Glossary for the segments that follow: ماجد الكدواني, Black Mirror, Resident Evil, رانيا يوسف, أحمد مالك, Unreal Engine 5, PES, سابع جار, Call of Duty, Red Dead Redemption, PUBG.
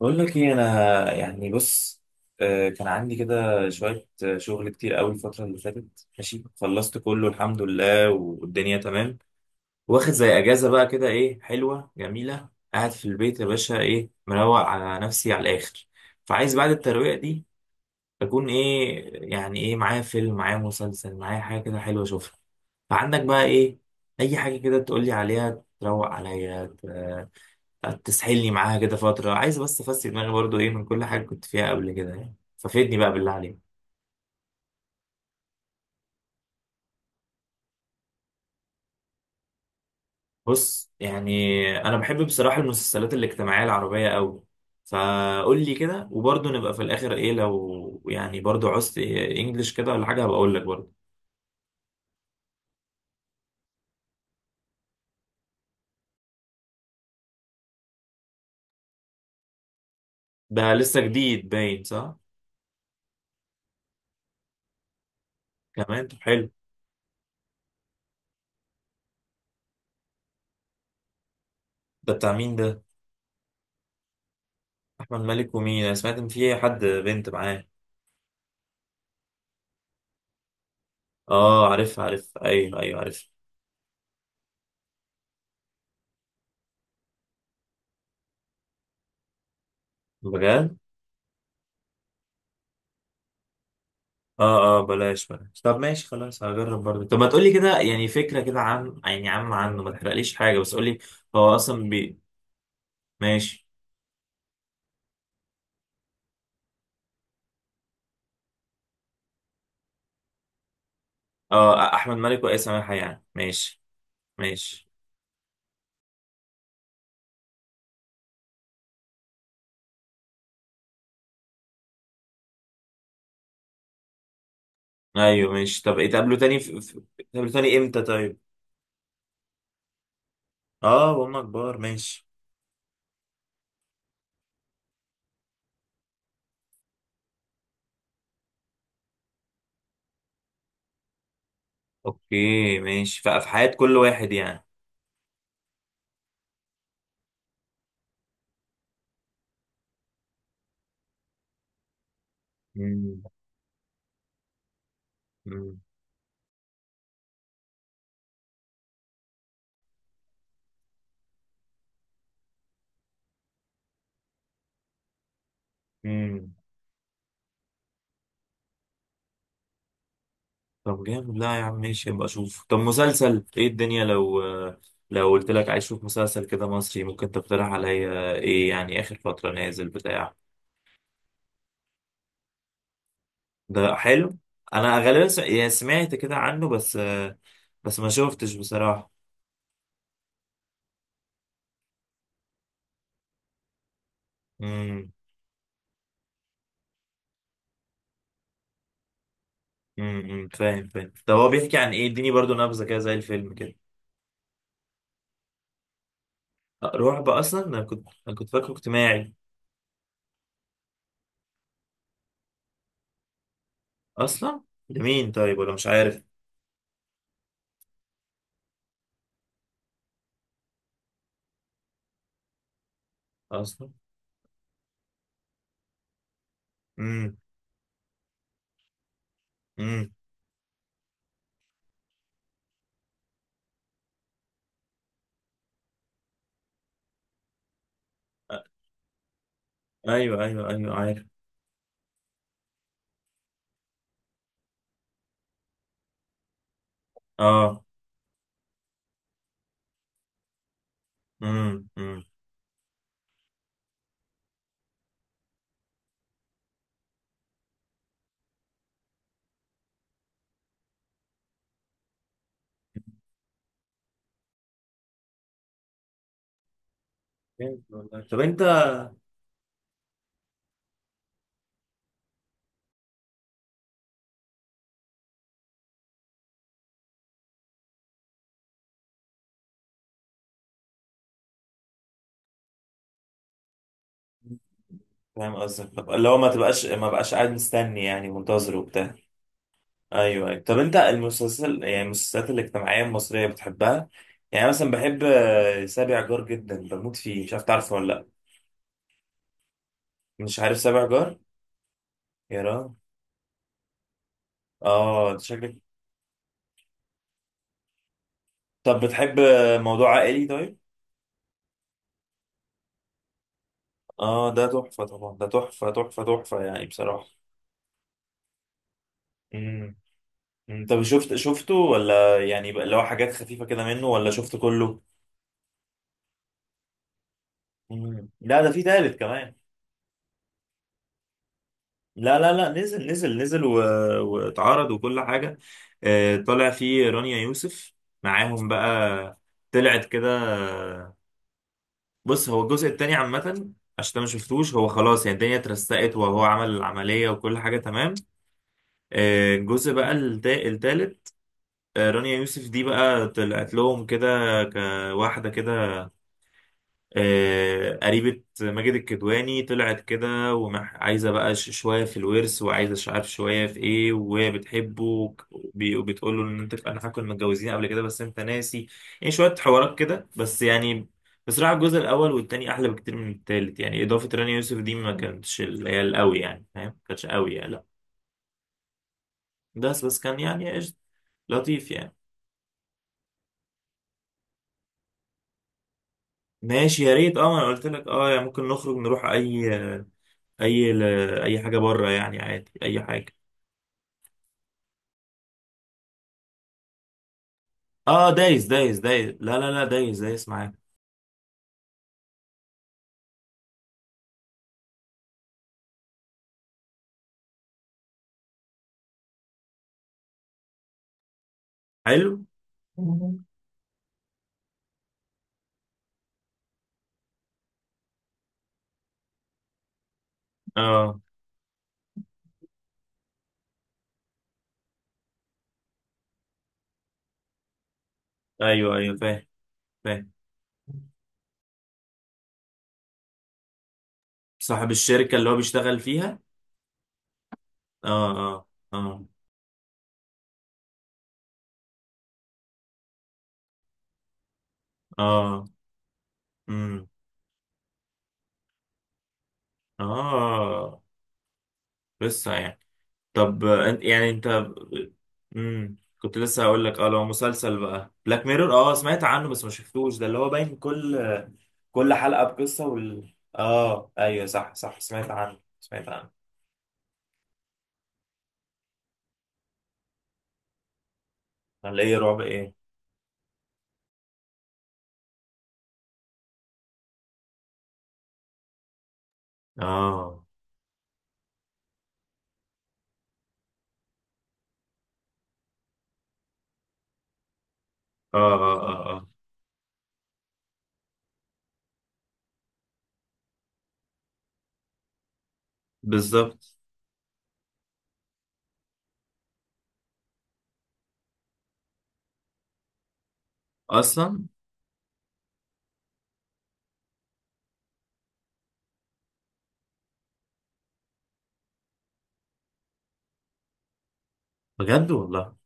بقول لك ايه انا يعني بص. كان عندي كده شويه شغل كتير قوي الفتره اللي فاتت ماشي، خلصت كله الحمد لله والدنيا تمام. واخد زي اجازه بقى كده، ايه حلوه جميله. قاعد في البيت يا باشا، ايه مروق على نفسي على الاخر. فعايز بعد الترويقه دي اكون ايه يعني، ايه معايا فيلم، معايا مسلسل، معايا حاجه كده حلوه اشوفها. فعندك بقى ايه؟ اي حاجه كده تقولي عليها تروق عليا، تسحلني معاها كده فترة. عايز بس أفسي دماغي برضو إيه من كل حاجة كنت فيها قبل كده يعني، ففيدني بقى بالله عليك. بص يعني، أنا بحب بصراحة المسلسلات الاجتماعية العربية أوي. فقول لي كده، وبرضو نبقى في الآخر إيه، لو يعني برضو عوزت إيه إنجلش كده ولا حاجة هبقى أقول لك برضو. ده لسه جديد باين صح؟ كمان طب حلو. ده بتاع مين ده؟ أحمد مالك ومين؟ أنا سمعت إن في حد بنت معاه. آه عارف عارف، أيوه أيوه عارف. بجد؟ اه اه، بلاش بلاش. طب ماشي خلاص، هجرب برضه. طب ما تقولي كده يعني فكرة كده عن يعني عنه، ما تحرقليش حاجة بس قولي. هو اصلا بي. ماشي. اه احمد مالك وايه سماحة، يعني ماشي. ماشي. ايوه ماشي. طب اتقابلوا تاني اتقابلوا تاني امتى طيب؟ اه وهم كبار ماشي. اوكي ماشي. في حياة كل واحد يعني. امم. طب جامد، لا يا عم ماشي ابقى اشوف. طب مسلسل ايه الدنيا، لو قلت لك عايز اشوف مسلسل كده مصري ممكن تقترح عليا ايه يعني، اخر فترة نازل بتاع؟ ده حلو. انا غالبا يعني سمعت كده عنه بس. بس ما شفتش بصراحة. امم. فاهم فاهم. طب هو بيحكي عن ايه؟ اديني برضو نبذة كده زي الفيلم كده. أه، رعب؟ اصلا انا كنت فاكره اجتماعي. اصلا لمين طيب؟ ولا مش عارف. اصلا. امم امم. ايوه ايوه ايوه عارف. اه. امم. جامد والله. طب انت؟ فاهم قصدك. طب اللي هو ما بقاش قاعد مستني يعني، منتظر وبتاع. ايوه ايوه. طب انت المسلسل يعني المسلسلات الاجتماعيه المصريه بتحبها؟ يعني مثلا بحب سابع جار جدا، بموت فيه. مش عارف تعرفه ولا لا؟ مش عارف سابع جار؟ يا راجل، اه ده شكلك. طب بتحب موضوع عائلي طيب؟ اه ده تحفه طبعا، ده تحفه تحفه تحفه يعني بصراحه. امم. أمم. طب شفت شفته، ولا يعني بقى اللي هو حاجات خفيفه كده منه، ولا شفته كله؟ مم. لا ده في تالت كمان. لا لا لا، نزل نزل نزل واتعرض وكل حاجة. طلع فيه رانيا يوسف معاهم بقى، طلعت كده. بص هو الجزء التاني عامة، عشان أنت ما شفتوش، هو خلاص يعني الدنيا اترسقت وهو عمل العملية وكل حاجة تمام. الجزء بقى التالت، رانيا يوسف دي بقى طلعت لهم كده، كواحدة كده، قريبة ماجد الكدواني طلعت كده، وعايزة بقى شوية في الورث، وعايزة مش عارف شوية في ايه، وهي بتحبه وبتقول له ان انت، انا فاكر إنكم متجوزين قبل كده بس انت ناسي. يعني شوية حوارات كده بس يعني. بصراحة الجزء الأول والتاني أحلى بكتير من التالت. يعني إضافة رانيا يوسف دي ما كانتش اللي هي القوي، يعني فاهم، ما كانتش قوي يعني، لا. بس كان يعني قشطة، لطيف يعني. ماشي يا ريت اه، ما انا قلت لك اه، يعني ممكن نخرج نروح اي... اي اي حاجة بره يعني، عادي اي حاجة. اه دايس دايس دايس، لا لا لا، دايس دايس معاك. حلو. مم. اه ايوه ايوه فاهم فاهم. صاحب الشركة اللي هو بيشتغل فيها؟ اه اه اه. اه. امم. اه. لسه يعني. طب يعني انت؟ امم. كنت لسه هقول لك اه، لو مسلسل بقى بلاك ميرور، اه سمعت عنه بس ما شفتوش، ده اللي هو باين كل... كل حلقة بقصة، وال اه ايوه صح صح، سمعت عنه سمعت عنه. ولا ايه، رعب ايه؟ اه اه اه اه آه. بالظبط. اصلا. بجد والله.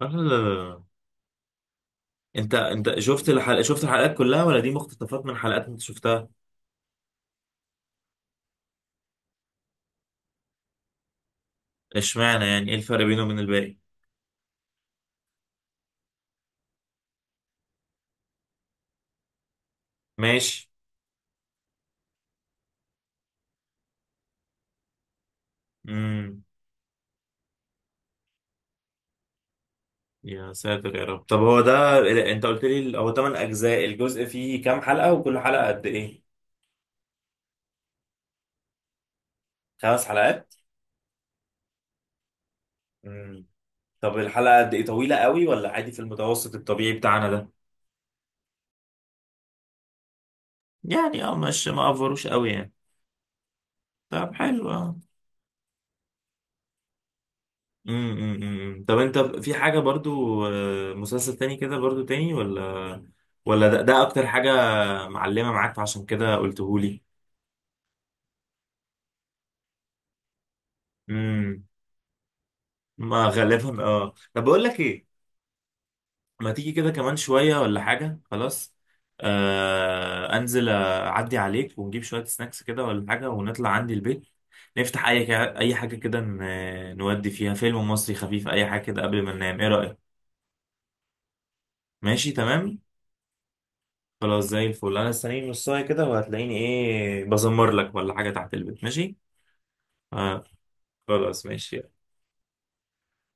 لا لا لا لا. انت شفت الحلقه، شفت الحلقات كلها ولا دي مقتطفات من حلقات انت شفتها؟ اشمعنى يعني؟ ايه الفرق بينه وبين الباقي؟ ماشي. امم. يا ساتر يا رب. طب هو ده، انت قلت لي هو 8 اجزاء، الجزء فيه كام حلقه، وكل حلقه قد ايه؟ خمس حلقات. امم. طب الحلقه قد ايه؟ طويله قوي ولا عادي في المتوسط الطبيعي بتاعنا ده؟ يعني اه، مش ما افروش قوي يعني. طب حلو اه. أمم، أمم. طب انت في حاجة برضو مسلسل تاني كده برضو تاني، ولا... ولا ده اكتر حاجة معلمة معاك عشان كده قلتهولي؟ امم. ما غالبا اه. طب بقول لك ايه، ما تيجي كده كمان شوية ولا حاجة خلاص؟ آه انزل اعدي عليك، ونجيب شوية سناكس كده ولا حاجة، ونطلع عندي البيت. نفتح اي اي حاجة كده، نودي فيها فيلم مصري خفيف، اي حاجة كده قبل ما ننام. ايه رأيك؟ ماشي تمام. خلاص زي الفل. انا استنيني نص ساعه كده، وهتلاقيني ايه بزمر لك ولا حاجه تحت البيت ماشي. آه خلاص ماشي.